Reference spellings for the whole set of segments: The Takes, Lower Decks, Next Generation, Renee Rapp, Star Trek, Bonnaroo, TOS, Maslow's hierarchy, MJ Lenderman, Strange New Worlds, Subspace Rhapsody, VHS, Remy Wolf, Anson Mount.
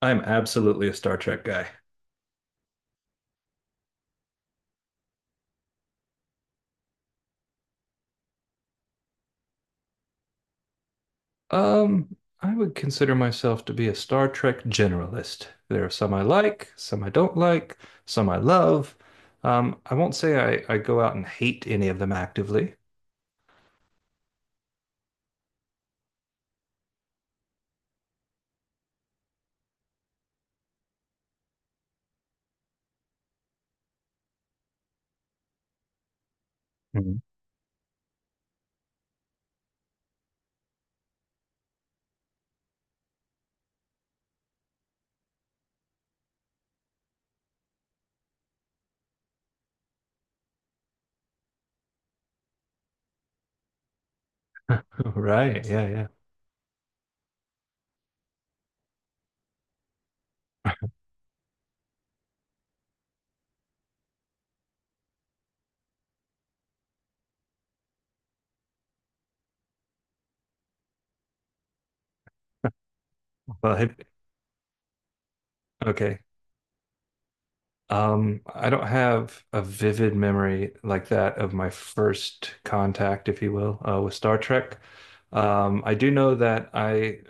I'm absolutely a Star Trek guy. I would consider myself to be a Star Trek generalist. There are some I like, some I don't like, some I love. I won't say I go out and hate any of them actively. Mhm. Right, yeah, yeah. Well, have- okay. I don't have a vivid memory like that of my first contact, if you will, with Star Trek. I do know that I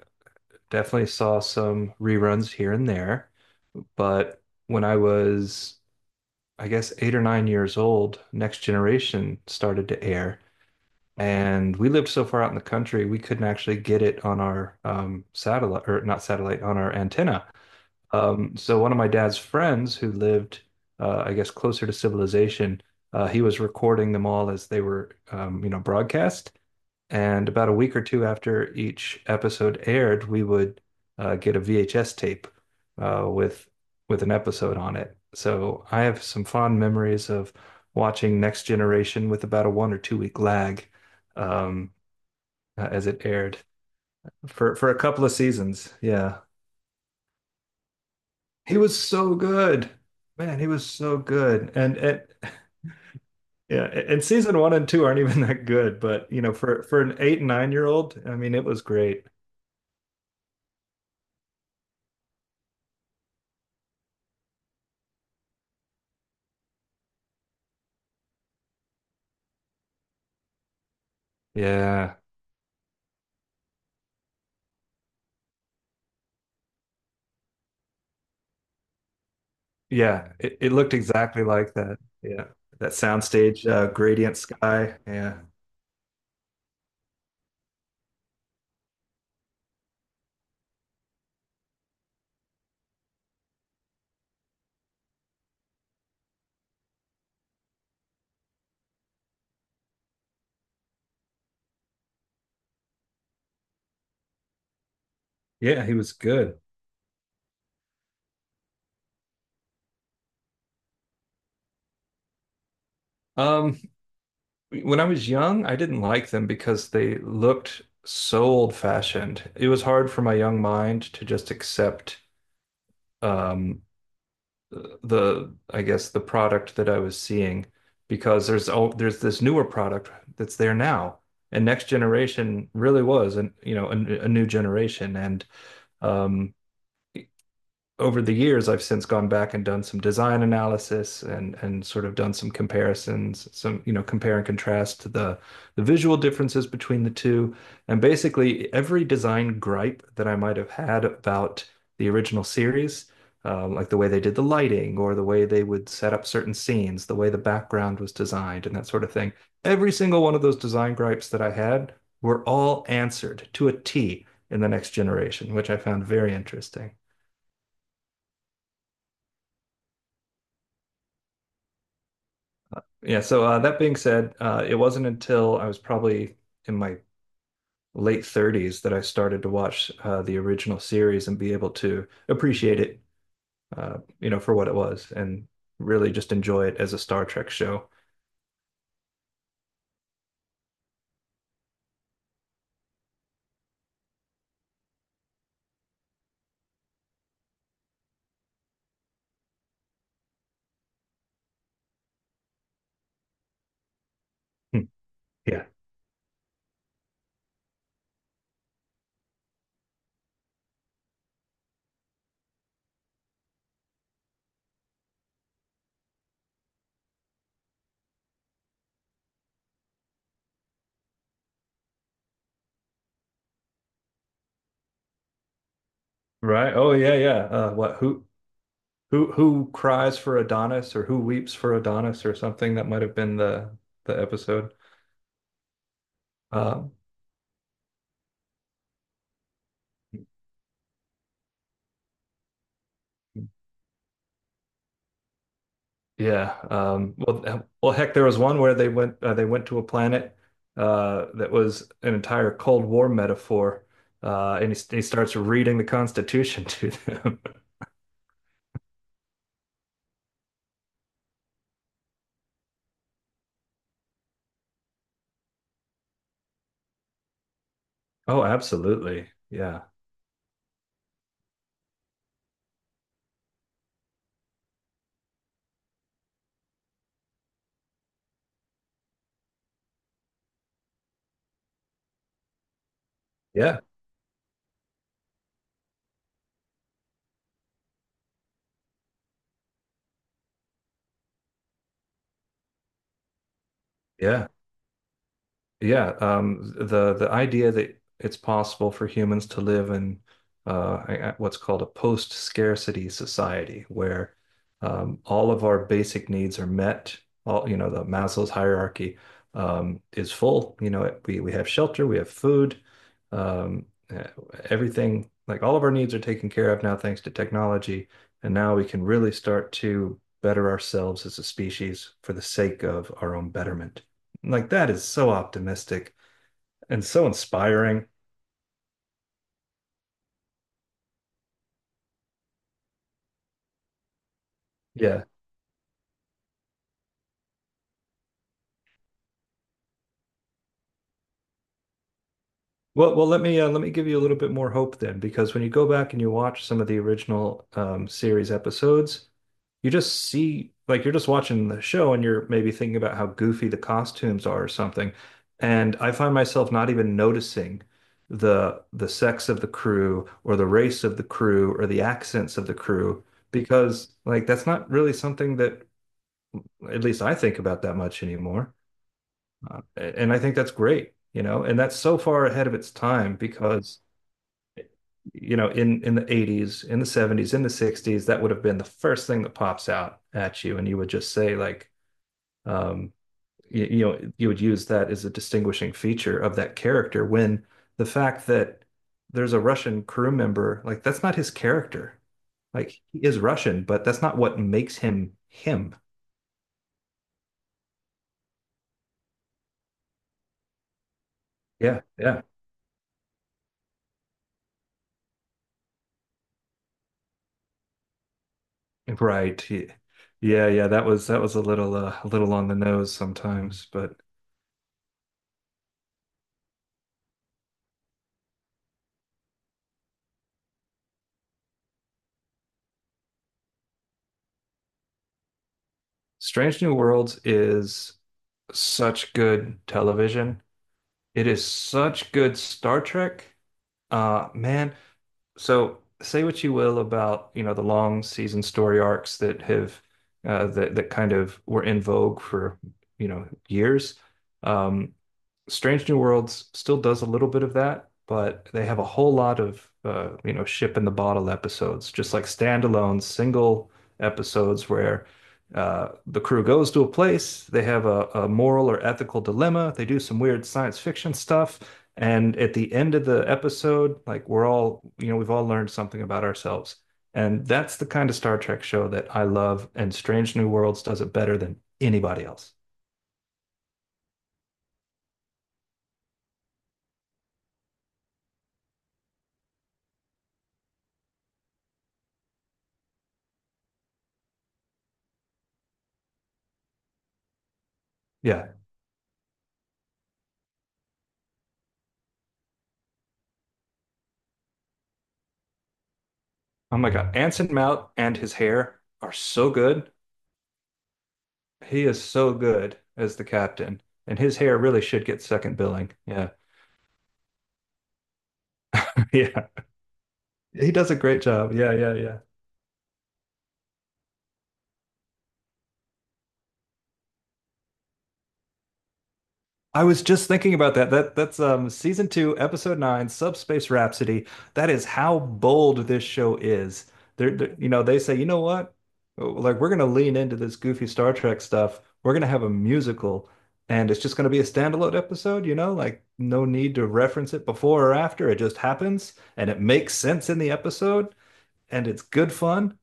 definitely saw some reruns here and there. But when I was, I guess, 8 or 9 years old, Next Generation started to air. And we lived so far out in the country, we couldn't actually get it on our satellite, or not satellite, on our antenna. So one of my dad's friends who lived, I guess, closer to civilization, he was recording them all as they were, you know, broadcast. And about a week or two after each episode aired, we would get a VHS tape uh, with with an episode on it. So I have some fond memories of watching Next Generation with about a 1 or 2 week lag, um, as it aired for a couple of seasons. Yeah, he was so good, man. He was so good, and and season one and two aren't even that good, but you know, for an 8 and 9 year old, I mean, it was great. Yeah. Yeah, it looked exactly like that. Yeah, that soundstage gradient sky. Yeah, yeah, he was good. Um, when I was young, I didn't like them because they looked so old-fashioned. It was hard for my young mind to just accept um, the, I guess, the product that I was seeing because there's this newer product that's there now, and Next Generation really was, and you know, a new generation, and um, over the years, I've since gone back and done some design analysis and sort of done some comparisons, some, you know, compare and contrast to the visual differences between the two. And basically, every design gripe that I might have had about the original series, like the way they did the lighting or the way they would set up certain scenes, the way the background was designed, and that sort of thing, every single one of those design gripes that I had were all answered to a T in the next generation, which I found very interesting. Yeah, so that being said, it wasn't until I was probably in my late 30s that I started to watch the original series and be able to appreciate it, you know, for what it was and really just enjoy it as a Star Trek show. Hmm. Yeah. Right. Oh yeah, yeah. What? Who? Who cries for Adonis or who weeps for Adonis or something? That might have been the episode. Um, well, heck, there was one where they went to a planet that was an entire Cold War metaphor, and he starts reading the Constitution to them. Oh, absolutely. Yeah. Yeah. Yeah. Yeah, the idea that it's possible for humans to live in what's called a post-scarcity society, where all of our basic needs are met. All, you know, the Maslow's hierarchy is full. You know, we have shelter, we have food, um, eh, everything, like all of our needs are taken care of now thanks to technology, and now we can really start to better ourselves as a species for the sake of our own betterment. Like that is so optimistic and so inspiring. Yeah. Well, let me give you a little bit more hope then, because when you go back and you watch some of the original series episodes, you just see, like you're just watching the show and you're maybe thinking about how goofy the costumes are or something. And I find myself not even noticing the sex of the crew or the race of the crew or the accents of the crew because, like, that's not really something that, at least I think about, that much anymore. And I think that's great, you know, and that's so far ahead of its time because, you know, in the 80s, in the 70s, in the 60s, that would have been the first thing that pops out at you, and you would just say, like, um, you know, you would use that as a distinguishing feature of that character when the fact that there's a Russian crew member, like, that's not his character. Like, he is Russian, but that's not what makes him him. Yeah, yeah. Right. ye- Yeah, yeah, that was a little on the nose sometimes, but Strange New Worlds is such good television. It is such good Star Trek. Man, so say what you will about, you know, the long season story arcs that have that kind of were in vogue for, you know, years. Um Strange New Worlds still does a little bit of that, but they have a whole lot of you know, ship in the bottle episodes, just like standalone single episodes where the crew goes to a place, they have a moral or ethical dilemma, they do some weird science fiction stuff, and at the end of the episode, like, we're all, you know, we've all learned something about ourselves. And that's the kind of Star Trek show that I love, and Strange New Worlds does it better than anybody else. Yeah. Oh my God. Anson Mount and his hair are so good. He is so good as the captain. And his hair really should get second billing. Yeah. Yeah. He does a great job. Yeah, yeah, yeah. I was just thinking about that. That's season 2, episode 9, Subspace Rhapsody. That is how bold this show is. You know, they say, you know what? Oh, like we're gonna lean into this goofy Star Trek stuff. We're gonna have a musical, and it's just gonna be a standalone episode, you know, like no need to reference it before or after. It just happens and it makes sense in the episode and it's good fun.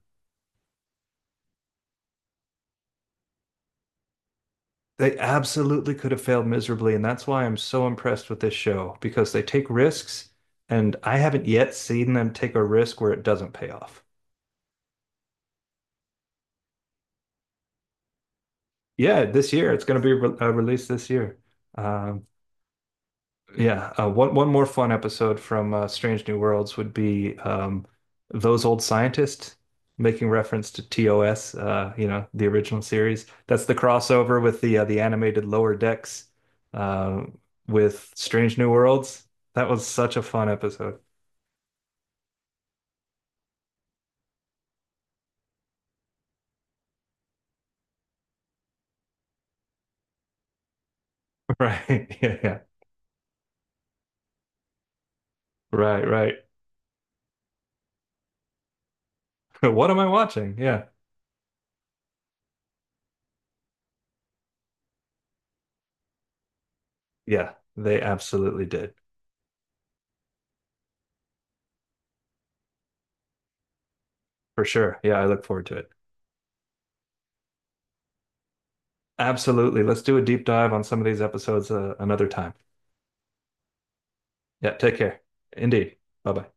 They absolutely could have failed miserably, and that's why I'm so impressed with this show because they take risks, and I haven't yet seen them take a risk where it doesn't pay off. Yeah, this year it's going to be re released this year. Um, Yeah, one more fun episode from Strange New Worlds would be those old scientists making reference to TOS, you know, the original series. That's the crossover with the animated Lower Decks uh, with Strange New Worlds. That was such a fun episode. Right. Yeah, yeah. Right, right. What am I watching? Yeah. Yeah, they absolutely did. For sure. Yeah, I look forward to it. Absolutely. Let's do a deep dive on some of these episodes another time. Yeah, take care. Indeed. Bye bye.